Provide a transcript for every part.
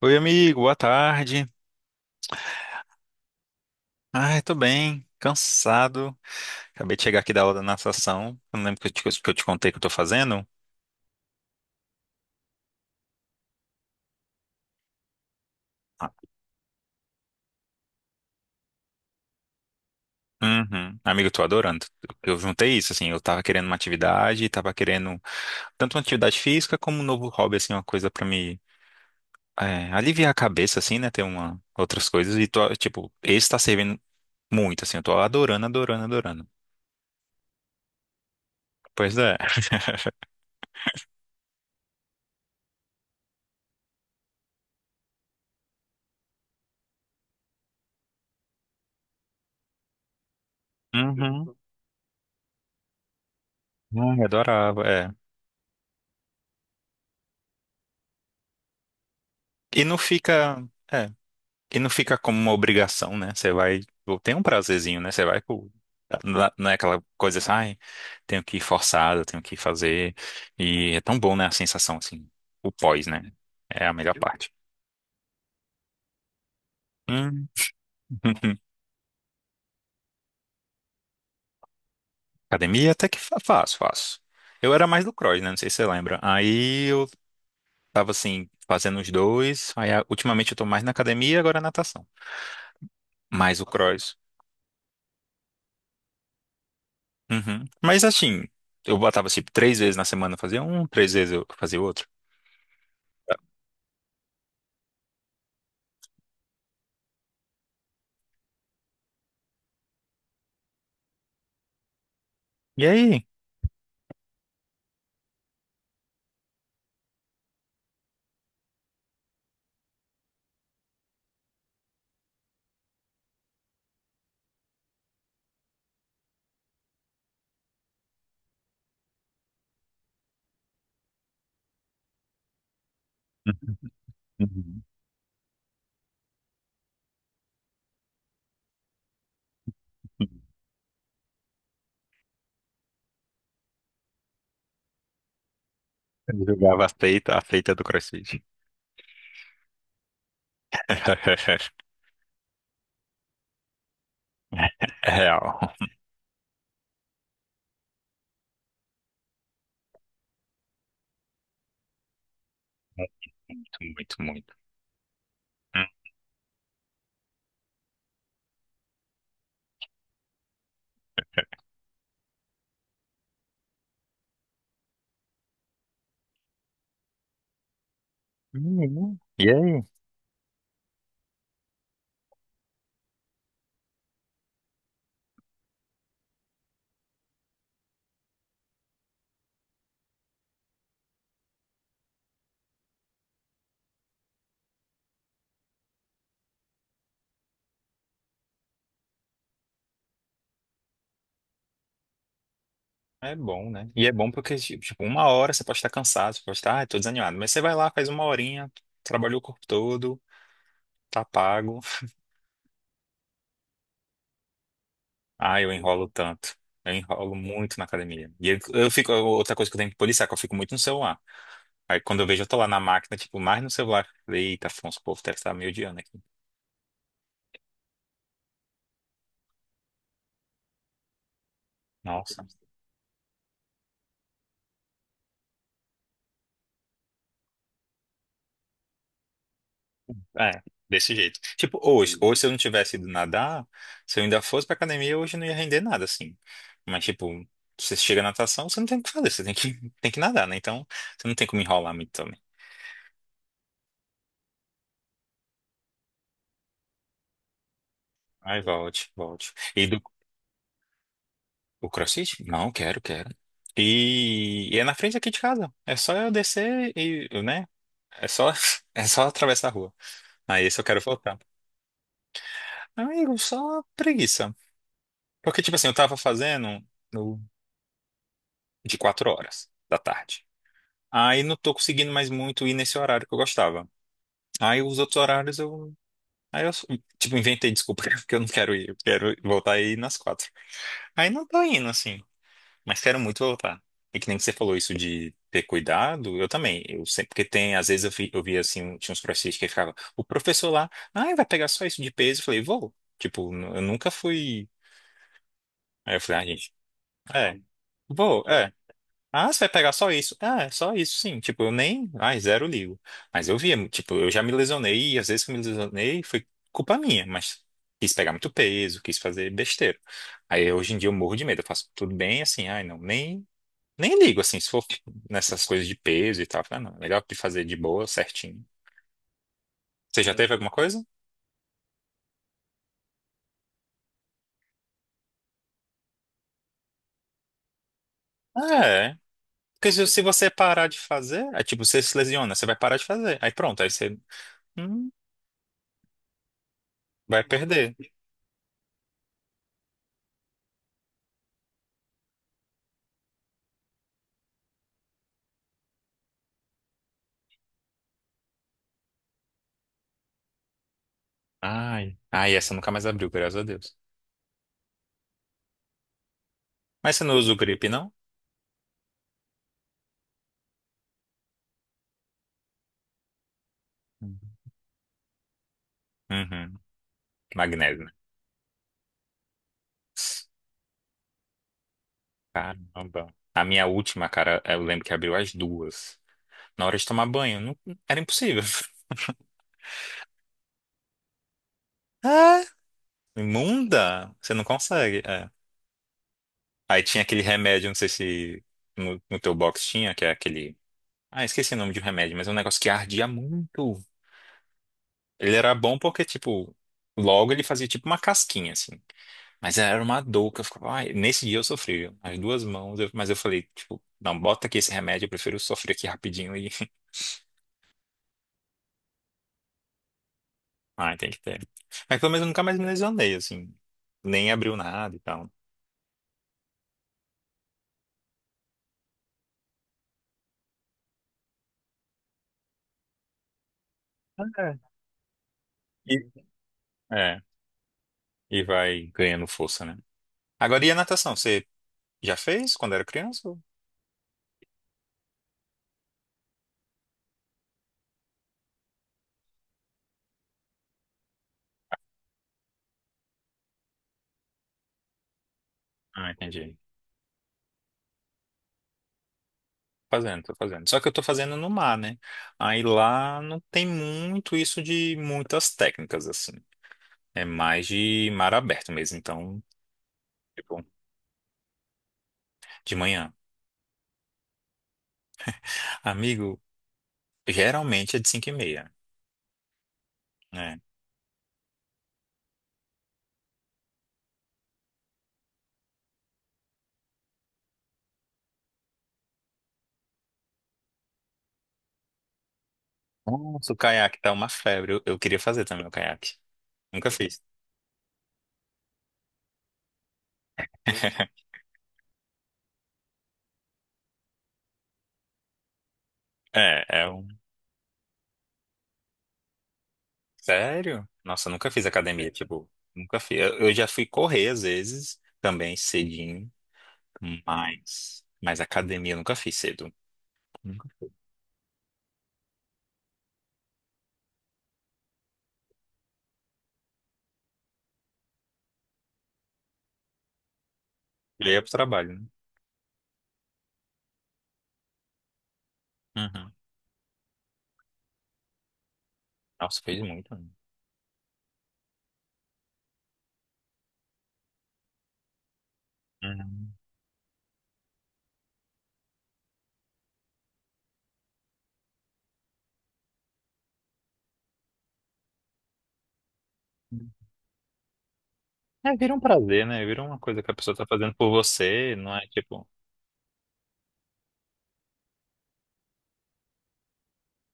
Oi, amigo, boa tarde. Ai, tô bem, cansado. Acabei de chegar aqui da aula da natação. Eu não lembro que eu te contei que eu tô fazendo. Ah, uhum. Amigo, eu tô adorando. Eu juntei isso, assim, eu tava querendo uma atividade, tava querendo tanto uma atividade física como um novo hobby, assim, uma coisa pra me aliviar a cabeça, assim, né? Ter uma, outras coisas. E tô, tipo, esse tá servindo muito, assim, eu tô adorando, adorando, adorando. Pois é. Uhum. Ai, adorava, é. E não fica. É. E não fica como uma obrigação, né? Você vai, ou tem um prazerzinho, né? Você vai pro. Não é aquela coisa assim, ai, tenho que ir forçado, tenho que fazer. E é tão bom, né? A sensação, assim, o pós, né? É a melhor parte. Hum. Academia até que faço, faço. Eu era mais do cross, né? Não sei se você lembra. Aí eu tava, assim, fazendo os dois. Aí ultimamente eu tô mais na academia, agora natação. Mais o cross. Uhum. Mas assim, eu botava, tipo, três vezes na semana eu fazia um, três vezes eu fazia outro. E aí? Uhum. Eu jogava a feita do CrossFit. É real. Muito, muito, muito. Uhum. E aí? É bom, né? E é bom porque, tipo, uma hora você pode estar cansado, você pode estar, ah, tô desanimado. Mas você vai lá, faz uma horinha, trabalhou o corpo todo, tá pago. Ah, eu enrolo tanto. Eu enrolo muito na academia. E eu fico, outra coisa que eu tenho que policiar, que eu fico muito no celular. Aí quando eu vejo, eu tô lá na máquina, tipo, mais no celular. Eita, Afonso, o povo deve estar me odiando aqui. Nossa. É, desse jeito. Tipo, hoje se eu não tivesse ido nadar, se eu ainda fosse pra academia, hoje eu não ia render nada, assim. Mas, tipo, você chega na natação, você não tem o que fazer, você tem que, tem que nadar, né? Então, você não tem como enrolar muito também. Ai, volte, volte. E do o CrossFit? Não, quero, quero. E é na frente aqui de casa. É só eu descer e, né? É só, é só atravessar a rua. Aí, esse eu quero voltar. Amigo, só preguiça. Porque, tipo assim, eu tava fazendo no- de 4 horas da tarde. Aí não tô conseguindo mais muito ir nesse horário que eu gostava. Aí os outros horários eu. Aí eu, tipo, inventei desculpa, porque eu não quero ir, eu quero voltar aí nas quatro. Aí não tô indo, assim, mas quero muito voltar. E que nem que você falou isso de ter cuidado, eu também. Eu sempre, porque tem, às vezes eu vi assim, tinha uns professores que ficavam, o professor lá, ai, vai pegar só isso de peso. Eu falei, vou. Tipo, n- eu nunca fui. Aí eu falei, ah, gente, é, vou, é." Ah, você vai pegar só isso? Ah, é só isso, sim. Tipo, eu nem. Ai, zero ligo. Mas eu via, tipo, eu já me lesionei, e às vezes que eu me lesionei foi culpa minha, mas quis pegar muito peso, quis fazer besteira. Aí hoje em dia eu morro de medo, eu faço tudo bem, assim, ai, não, nem ligo, assim, se for nessas coisas de peso e tal. Ah, não, melhor de fazer de boa, certinho. Você já é, teve alguma coisa? Ah, é. Porque se você parar de fazer, é tipo, você se lesiona, você vai parar de fazer. Aí pronto, aí você hum, vai perder. Ai, ai, essa nunca mais abriu, graças a Deus. Mas você não usa o grip, não? Uhum. Uhum. Magnésio, né? Caramba. A minha última, cara, eu lembro que abriu às duas. Na hora de tomar banho, não- era impossível. Ah, imunda! Você não consegue. É. Aí tinha aquele remédio, não sei se no teu box tinha, que é aquele. Ah, esqueci o nome de um remédio, mas é um negócio que ardia muito. Ele era bom porque, tipo, logo ele fazia tipo uma casquinha, assim. Mas era uma dor que eu ficava, ai, nesse dia eu sofri, viu? As duas mãos, eu- mas eu falei, tipo, não, bota aqui esse remédio, eu prefiro sofrer aqui rapidinho e. Ai, tem que ter. Mas pelo menos eu nunca mais me lesionei, assim. Nem abriu nada e tal. É. E, é, e vai ganhando força, né? Agora, e a natação? Você já fez quando era criança? Ou- ah, entendi. Fazendo, tô fazendo. Só que eu tô fazendo no mar, né? Aí lá não tem muito isso de muitas técnicas, assim. É mais de mar aberto mesmo. Então, tipo, de manhã. Amigo, geralmente é de 5h30, né? Nossa, o caiaque tá uma febre. Eu queria fazer também o caiaque. Nunca fiz. É, é um. Sério? Nossa, eu nunca fiz academia, tipo, nunca fiz. Eu já fui correr às vezes, também cedinho, mas, academia eu nunca fiz cedo. Nunca. Eu ia pro trabalho, né? Uhum. Nossa, fez muito. Né? Uhum. É, vira um prazer, né? Vira uma coisa que a pessoa tá fazendo por você, não é tipo.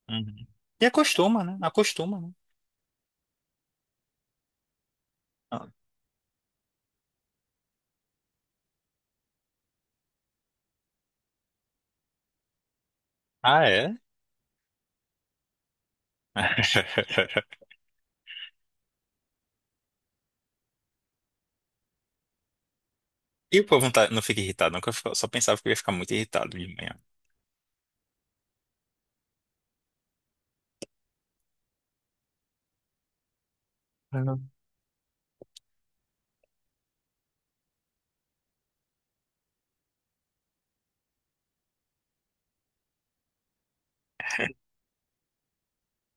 Uhum. E acostuma, né? Acostuma, né? Ah, ah, é? E o povo não, não fica irritado, não, que eu fico- só pensava que eu ia ficar muito irritado de manhã. Uhum.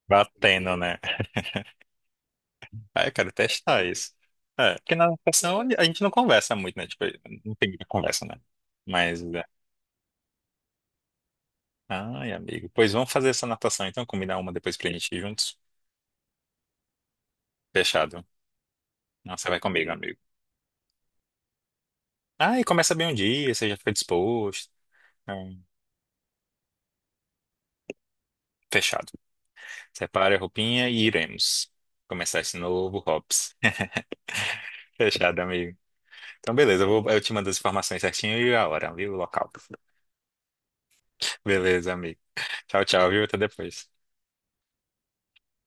Batendo, né? Ah, eu quero testar isso. É, porque na natação a gente não conversa muito, né? Tipo, não tem muita conversa, né? Mas, é. Ai, amigo. Pois vamos fazer essa natação, então, combinar uma depois pra gente ir juntos? Fechado. Nossa, vai comigo, amigo. Ah, e começa bem um dia, você já fica disposto. Então, fechado. Separe a roupinha e iremos começar esse novo hops. Fechado, amigo. Então, beleza, eu vou, eu te mando as informações certinho e a hora, viu? O local. Beleza, amigo. Tchau, tchau, viu? Até depois.